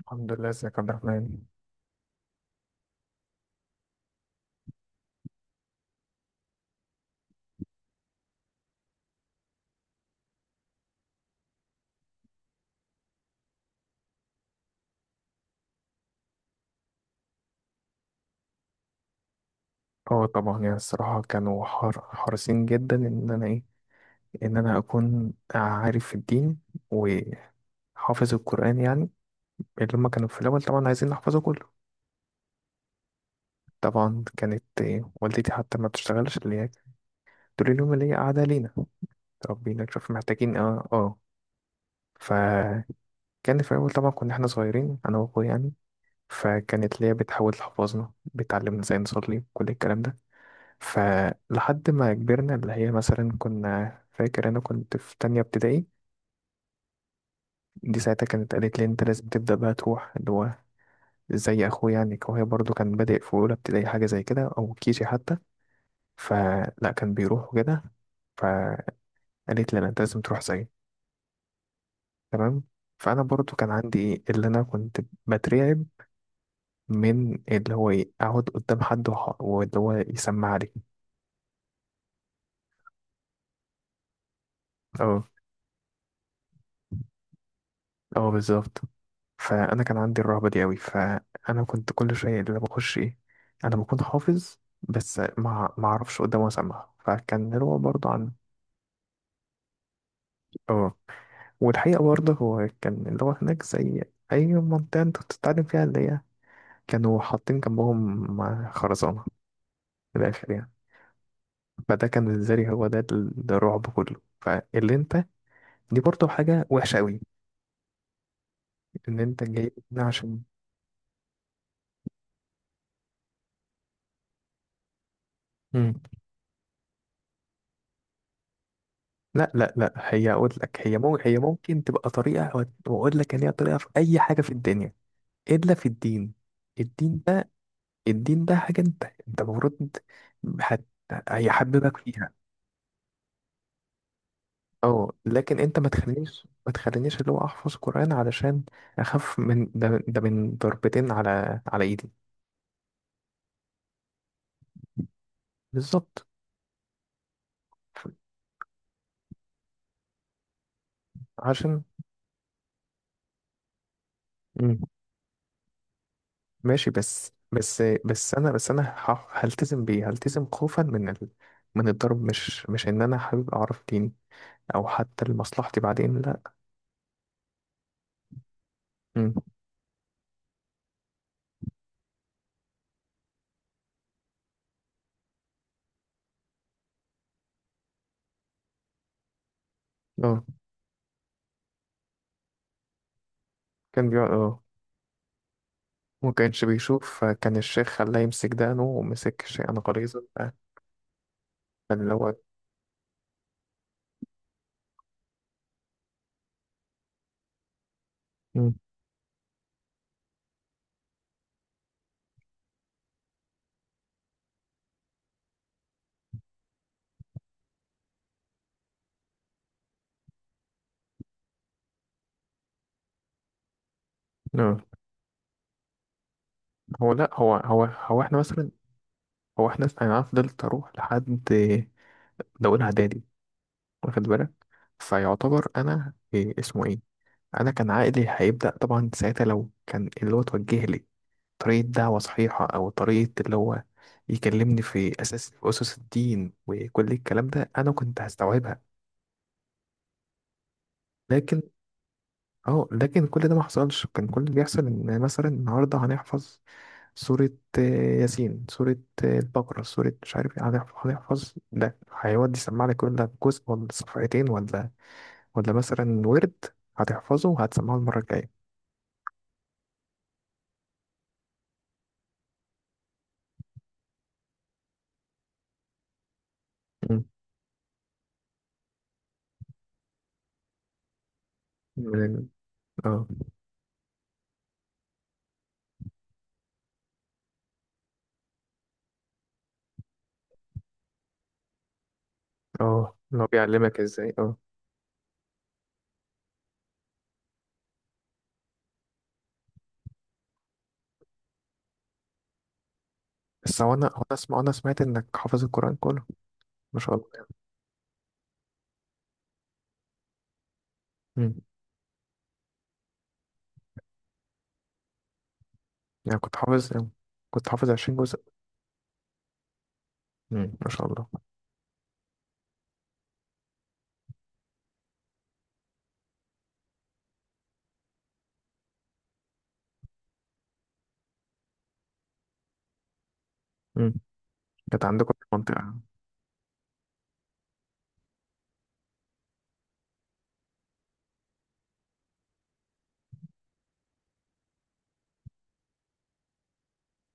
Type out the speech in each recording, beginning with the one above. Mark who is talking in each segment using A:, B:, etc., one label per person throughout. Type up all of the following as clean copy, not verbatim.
A: الحمد لله، ازيك يا عبد الرحمن؟ اه، طبعا، يعني الصراحة كانوا حريصين جدا، ان انا اكون عارف في الدين وحافظ القرآن يعني. اللي هما كانوا في الاول طبعا عايزين نحفظه كله. طبعا كانت والدتي حتى ما بتشتغلش، اللي هي تقول لهم اللي هي قاعدة لينا ربينا، شوف محتاجين فكان في الاول طبعا كنا احنا صغيرين انا واخويا يعني، فكانت ليا بتحاول تحفظنا، بتعلمنا ازاي نصلي كل الكلام ده. فلحد ما كبرنا اللي هي مثلا، كنا فاكر انا كنت في تانية ابتدائي، دي ساعتها كانت قالت لي انت لازم تبدأ بقى تروح اللي هو زي اخويا يعني، هو برضو كان بادئ في اولى ابتدائي حاجة زي كده او كيجي حتى، فلا كان بيروح وكده. فقالت لي لا انت لازم تروح زيي. تمام، فانا برضو كان عندي اللي انا كنت بترعب من اللي هو اقعد قدام حد واللي هو يسمع لي. اه، اه، بالظبط. فانا كان عندي الرهبه دي قوي، فانا كنت كل شويه اللي بخش انا بكون حافظ، بس ما اعرفش قدامه اسمع، فكان اللي هو برضه عن. اه والحقيقه برضه هو كان اللي هو هناك زي اي منطقه انت بتتعلم فيها، اللي هي كانوا حاطين جنبهم خرزانه، من الاخر يعني. فده كان بالنسبه لي هو ده ده الرعب كله، فاللي انت دي برضه حاجه وحشه قوي ان انت جاي هنا عشان. لا، لا، لا، هي اقول لك هي ممكن، تبقى طريقه، واقول لك ان هي طريقه في اي حاجه في الدنيا الا في الدين. الدين ده الدين ده حاجه انت المفروض هت... هيحببك فيها. اه، لكن انت ما تخلينيش اللي هو احفظ قران علشان اخاف من ده، من ضربتين على ايدي. بالظبط، عشان. ماشي، بس انا، هلتزم بيه، هلتزم خوفا من الضرب، مش ان انا حابب اعرف ديني، او حتى لمصلحتي بعدين، لا. امم اه، كان بيقعد، ما كانش بيشوف، كان الشيخ خلاه يمسك دقنه ومسك شيئا غليظا. كان اللي هو. مم. اه هو لا، هو احنا مثلا، هو احنا انا فضلت اروح لحد، ده اولى اعدادي، واخد بالك؟ فيعتبر انا إيه اسمه ايه انا كان عقلي هيبدا طبعا ساعتها، لو كان اللي هو توجه لي طريقه دعوه صحيحه، او طريقه اللي هو يكلمني في اساس، في اسس الدين وكل الكلام ده، انا كنت هستوعبها. لكن اه لكن كل ده ما حصلش. كان كل اللي بيحصل ان مثلا النهارده هنحفظ سورة، آه، ياسين، سورة، البقرة، سورة مش عارف ايه، هنحفظ ده، هيودي يسمع لك كل ده، جزء ولا صفحتين، ولا ولا مثلا ورد هتحفظه وهتسمعه المرة الجاية. مم. من ال- اه، اه، إن هو بيعلمك ازاي. اه بس هو انا، اسمع، انا سمعت انك حافظ القرآن كله، ما شاء الله يعني. امم يعني كنت حافظ، 20 جزء. امم، ما شاء الله. امم كانت عندكم في المنطقة؟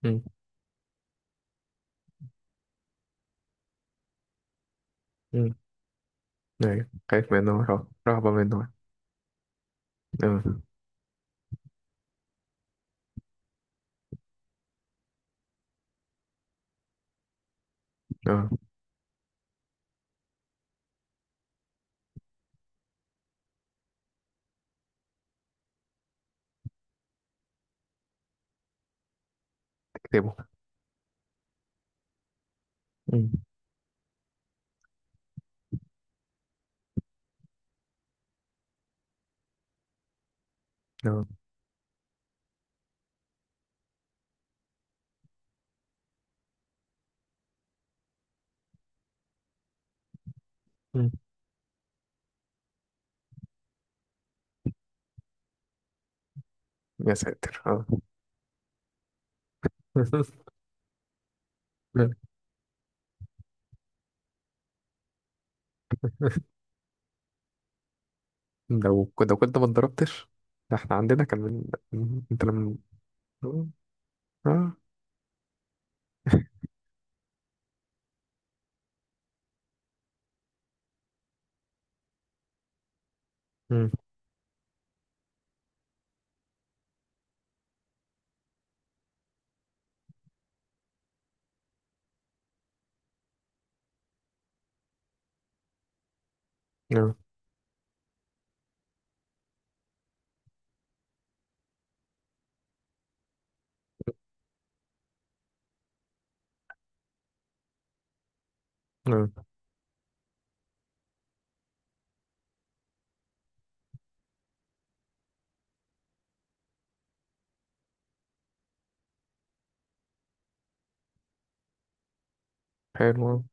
A: امم. امم. ايوه، خايف منه، رهبة منه. اه. اه. تكتبه. امم. اه. أمم. يا ساتر، اه. لو كنت ما اتضربتش، ده احنا عندنا كان من. انت لما. اه. أمم. اه. أمم. حلو.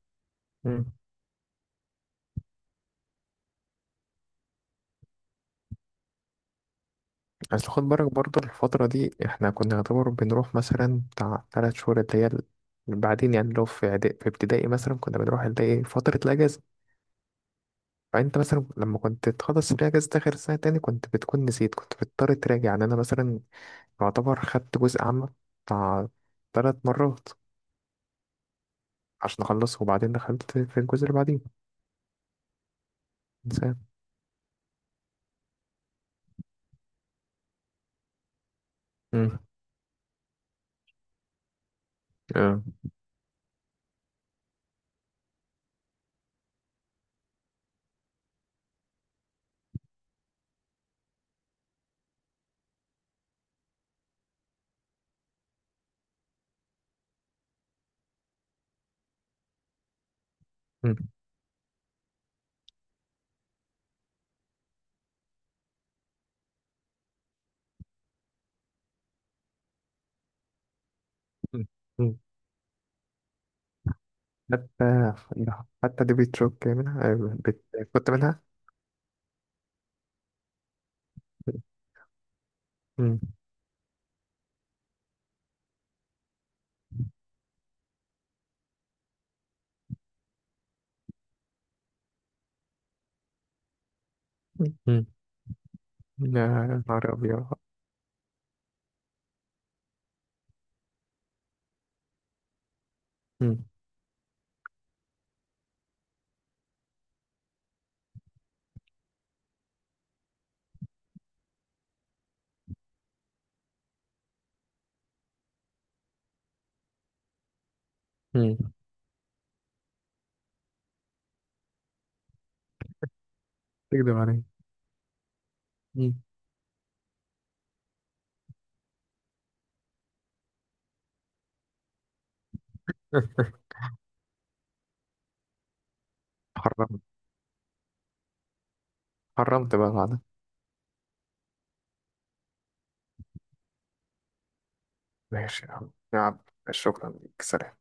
A: بس خد بالك برضه الفترة دي، احنا كنا نعتبر بنروح مثلا بتاع تلات شهور اللي هي بعدين يعني، لو في في ابتدائي مثلا، كنا بنروح اللي هي فترة الأجازة، فأنت مثلا لما كنت تخلص الأجازة آخر سنة تاني كنت بتكون نسيت، كنت بتضطر تراجع. يعني أنا مثلا يعتبر خدت جزء عام بتاع تلات مرات عشان أخلصه، وبعدين دخلت في الجزء اللي بعديه. إنسان. مم. آه. مم. مم. مم. حتى حتى دي بتشوك منها. بت... كنت منها. مم. لا يا نهار أبيض. مم. مم. تكذب علي. مم. حرمت، حرمت بقى بعد. ماشي يا عم يا عم، شكرا ليك، سلام.